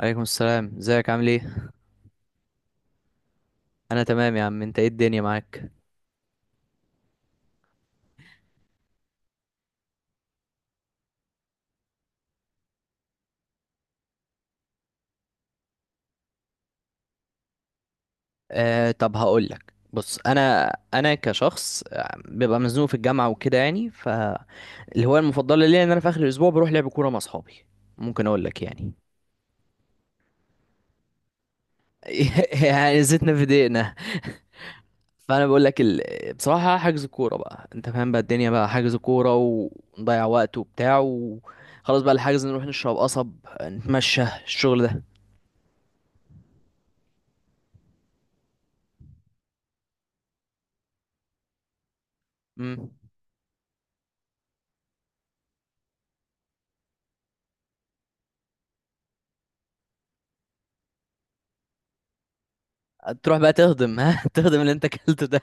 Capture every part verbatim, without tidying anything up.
عليكم السلام، ازيك؟ عامل ايه؟ انا تمام يا عم، انت ايه الدنيا معاك؟ آه طب هقول لك. بص، انا انا كشخص آه، ببقى مزنوق في الجامعه وكده، يعني فالهوايه المفضله ليا ان انا في اخر الاسبوع بروح لعب كوره مع اصحابي. ممكن اقول لك يعني. يعني زيتنا في دقيقنا. فانا بقول لك ال... بصراحه، حجز كوره بقى. انت فاهم بقى الدنيا بقى حجز كوره ونضيع وقت وبتاع، وخلاص بقى الحجز، نروح نشرب قصب، نتمشى، الشغل ده. مم. تروح بقى تهضم ها، تهضم اللي انت اكلته ده.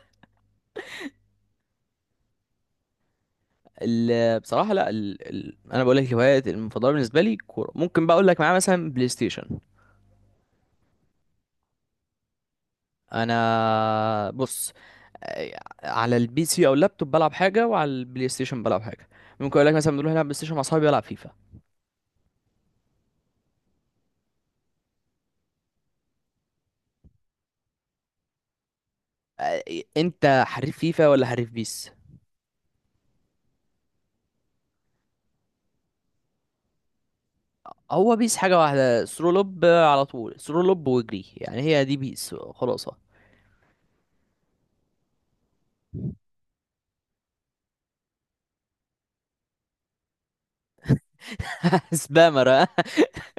ال- بصراحه، لا. ال... ال... انا بقول لك، الهوايات المفضله بالنسبه لي كوره، ممكن بقى اقول لك معاه مثلا بلاي ستيشن. انا بص، آه، على البي سي او اللابتوب بلعب حاجه، وعلى البلاي ستيشن بلعب حاجه. ممكن اقول لك مثلا بنروح نلعب بلاي ستيشن مع اصحابي، بلعب فيفا. آه، انت حريف فيفا ولا حريف بيس؟ هو بيس حاجه واحده، سرو لوب على طول، سرو لوب واجري، يعني هي دي بيس خلاصه. سبامر ها؟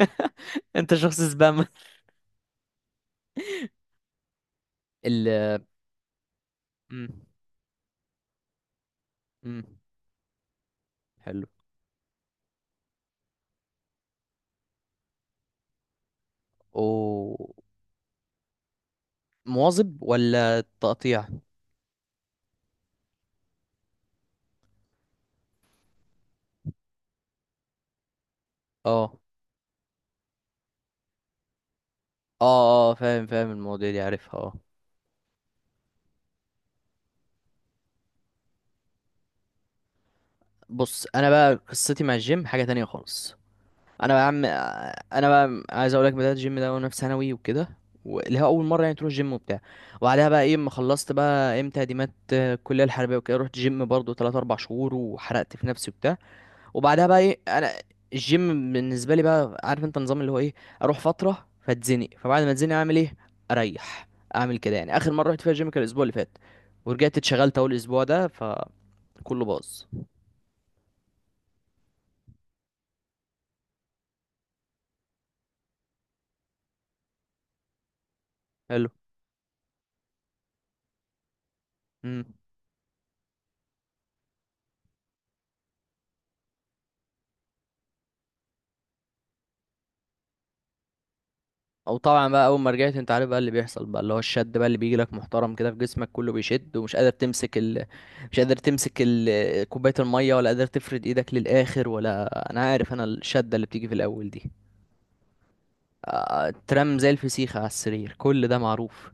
انت شخص سبامر. ال مم. مم. حلو. اوه. مواظب ولا تقطيع؟ اه اه اه، فاهم فاهم المواضيع دي عارفها اه. بص، انا بقى قصتي مع الجيم حاجه تانية خالص. انا بقى عم انا بقى عايز اقول لك، بدات الجيم ده وانا في ثانوي وكده، اللي هو اول مره يعني تروح جيم وبتاع. وبعدها بقى ايه، اما خلصت بقى امتى تقديمات آه، الكليه الحربيه وكده، رحت جيم برضو تلاته اربع شهور وحرقت في نفسي وبتاع. وبعدها بقى ايه انا، الجيم بالنسبه لي بقى، عارف انت النظام اللي هو ايه، اروح فتره فاتزنق. فبعد ما اتزنق اعمل ايه؟ اريح. اعمل كده، يعني اخر مره رحت فيها الجيم كان الاسبوع اللي فات، ورجعت اتشغلت اول اسبوع ده فكله باظ. حلو. امم. او طبعا بقى، اول ما رجعت انت عارف بقى اللي بيحصل بقى، اللي هو الشد بقى اللي بيجي لك محترم كده، في جسمك كله بيشد ومش قادر تمسك ال... مش قادر تمسك ال... كوبايه الميه، ولا قادر تفرد ايدك للاخر، ولا انا عارف انا الشده اللي بتيجي في الاول دي. آه، ترام زي الفسيخة على السرير، كل ده معروف.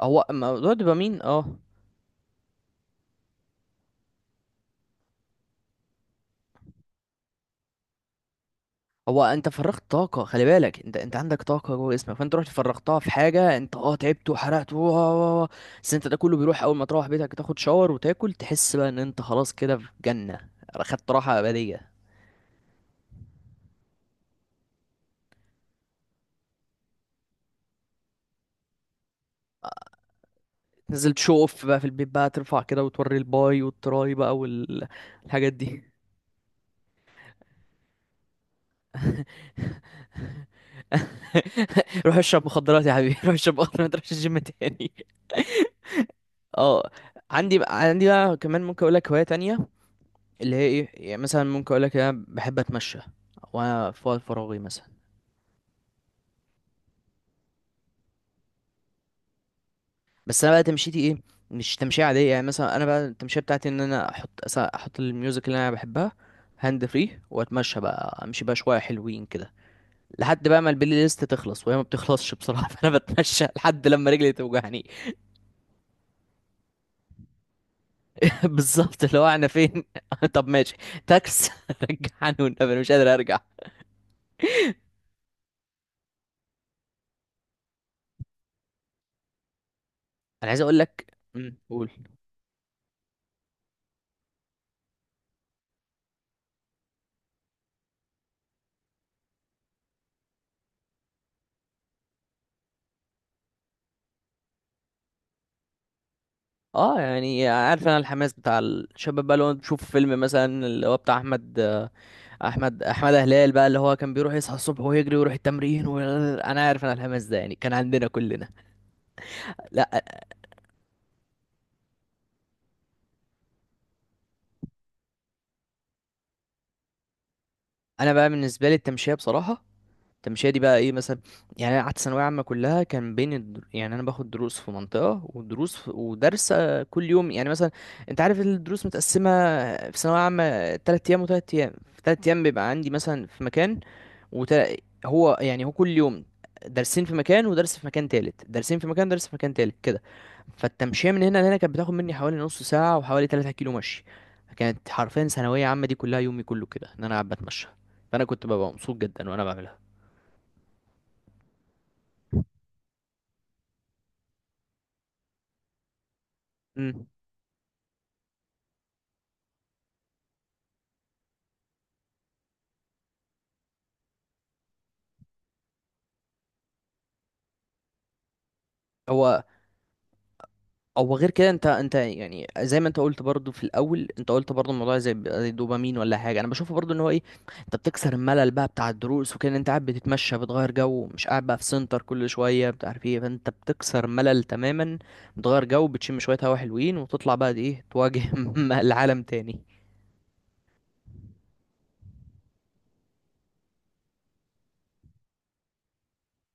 هو موضوع الدوبامين اه. هو انت فرغت طاقة، خلي بالك انت انت عندك طاقة جوه جسمك، فانت رحت فرغتها في حاجة، انت اه تعبت وحرقت و- و- و- بس انت ده كله بيروح اول ما تروح بيتك تاخد شاور وتاكل، تحس بقى ان انت خلاص كده في جنة، خدت راحة أبدية. نزلت شو اوف بقى في البيت بقى، ترفع كده وتوري الباي والتراي بقى والحاجات دي. روح اشرب مخدرات يا حبيبي، روح اشرب مخدرات، ما تروحش الجيم تاني. اه. عندي بقى عندي بقى كمان ممكن اقول لك هواية تانية، اللي هي ايه، يعني مثلا ممكن اقول لك انا بحب اتمشى وانا في وقت فراغي مثلا. بس انا بقى تمشيتي ايه؟ مش تمشية عادية، يعني مثلا انا بقى التمشية بتاعتي ان انا احط أس- احط الميوزك اللي انا بحبها هاند فري، واتمشى بقى، امشي بقى شوية حلوين كده، لحد بقى ما البلاي ليست تخلص، وهي ما بتخلصش بصراحة. فانا بتمشى لحد لما رجلي توجعني. بالظبط، اللي هو انا فين؟ طب ماشي، تاكس، رجعني والنبي، انا مش قادر ارجع. انا عايز اقول لك امم قول. اه، يعني عارف انا الحماس بتاع الشباب بقى، اللي هو تشوف فيلم مثلا اللي هو بتاع احمد احمد احمد هلال بقى، اللي هو كان بيروح يصحى الصبح ويجري ويروح التمرين و... انا عارف انا الحماس ده يعني كان عندنا كلنا. لا. انا بقى بالنسبه لي التمشيه بصراحه، التمشيه دي بقى ايه مثلا؟ يعني انا قعدت ثانويه عامه كلها كان بين الدر... يعني انا باخد دروس في منطقه، ودروس في... ودرس آه، كل يوم، يعني مثلا انت عارف الدروس متقسمه في ثانويه عامه، تلات ايام وتلات ايام، في تلات ايام بيبقى عندي مثلا في مكان، وت... هو يعني هو كل يوم درسين في مكان ودرس في مكان تالت، درسين في مكان درس في مكان تالت كده. فالتمشية من هنا لهنا كانت بتاخد مني حوالي نص ساعة وحوالي تلاته كيلو مشي. كانت حرفيا ثانوية عامة دي كلها، يومي كله كده ان انا قاعد بتمشى، فانا كنت ببقى مبسوط جدا وانا بعملها. امم. هو، او غير كده انت انت يعني زي ما انت قلت برضو في الاول، انت قلت برضو الموضوع زي زي الدوبامين ولا حاجه، انا بشوفه برضو ان هو ايه، انت بتكسر الملل بقى بتاع الدروس وكده، انت قاعد بتتمشى بتغير جو، مش قاعد بقى في سنتر كل شويه مش عارف ايه، فانت بتكسر ملل تماما، بتغير جو، بتشم شويه هوا حلوين، وتطلع بقى ايه تواجه العالم تاني.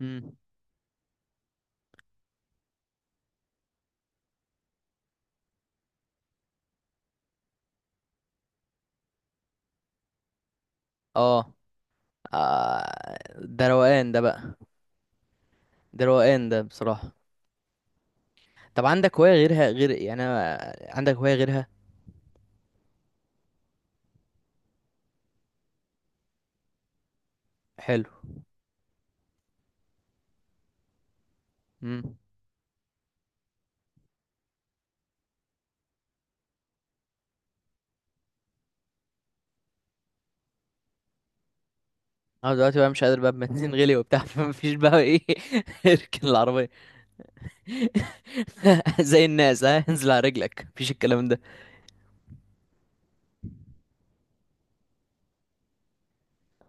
امم. اه. آه، ده روقان ده بقى، ده روقان ده بصراحه. طب عندك هوايه غيرها، غير يعني أنا- عندك هوايه غيرها؟ حلو. مم. انا دلوقتي بقى مش قادر بقى، بنزين غلي وبتاع، فمفيش بقى ايه. اركن العربية. زي الناس ها، انزل على رجلك، مفيش الكلام ده.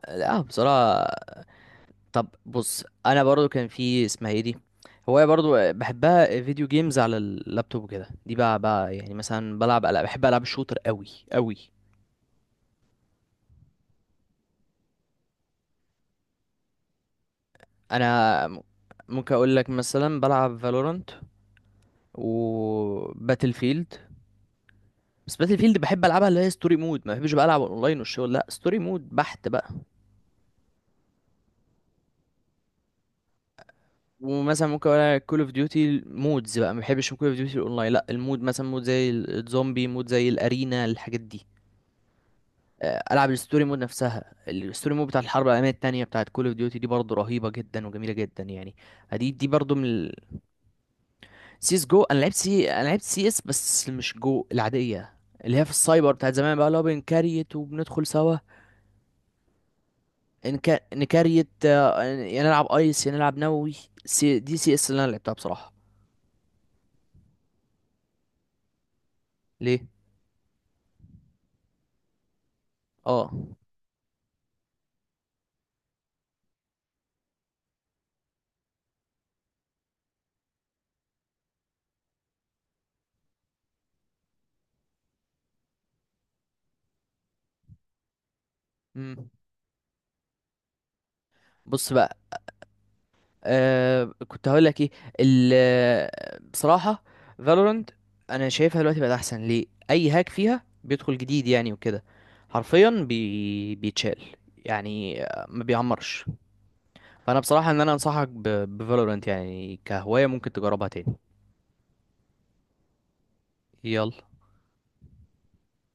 لا بصراحة. طب بص، انا برضو كان في اسمها ايه دي، هواية برضو بحبها، فيديو جيمز على اللابتوب وكده، دي بقى بقى يعني مثلا بلعب ألعاب، بحب ألعاب الشوتر قوي قوي. انا م- ممكن اقول لك مثلا بلعب فالورانت وباتل فيلد. بس باتل فيلد بحب العبها اللي هي ستوري مود، ما بحبش بقى العب اونلاين والشغل، لا ستوري مود بحت بقى. ومثلا ممكن اقول كول اوف ديوتي مودز بقى، ما بحبش كول اوف ديوتي الاونلاين، لا المود، مثلا مود زي ال- الزومبي مود زي الارينا الحاجات دي. آه، العب الستوري مود نفسها، الستوري مود بتاع الحرب العالميه التانية بتاعت كول اوف ديوتي دي برضه رهيبه جدا وجميله جدا يعني. دي دي برضه من. سيس جو، انا لعبت سي انا لعبت سي اس بس مش جو العاديه، اللي هي في السايبر بتاعت زمان بقى، اللي هو بنكريت وبندخل سوا. نك... نكريت، آه، يا نلعب ايس يا نلعب نووي. سي... دي سي اس اللي انا لعبتها بصراحه. ليه؟ اه. مم. بص بقى، آه كنت هقول لك ايه. ال آه، بصراحه فالورنت، انا شايفها دلوقتي بقت احسن. ليه؟ اي هاك فيها بيدخل جديد يعني وكده، حرفيا بي... بيتشال، يعني آه، ما بيعمرش. فانا بصراحه ان انا انصحك ب... بفالورنت، يعني كهوايه ممكن تجربها تاني. يلا.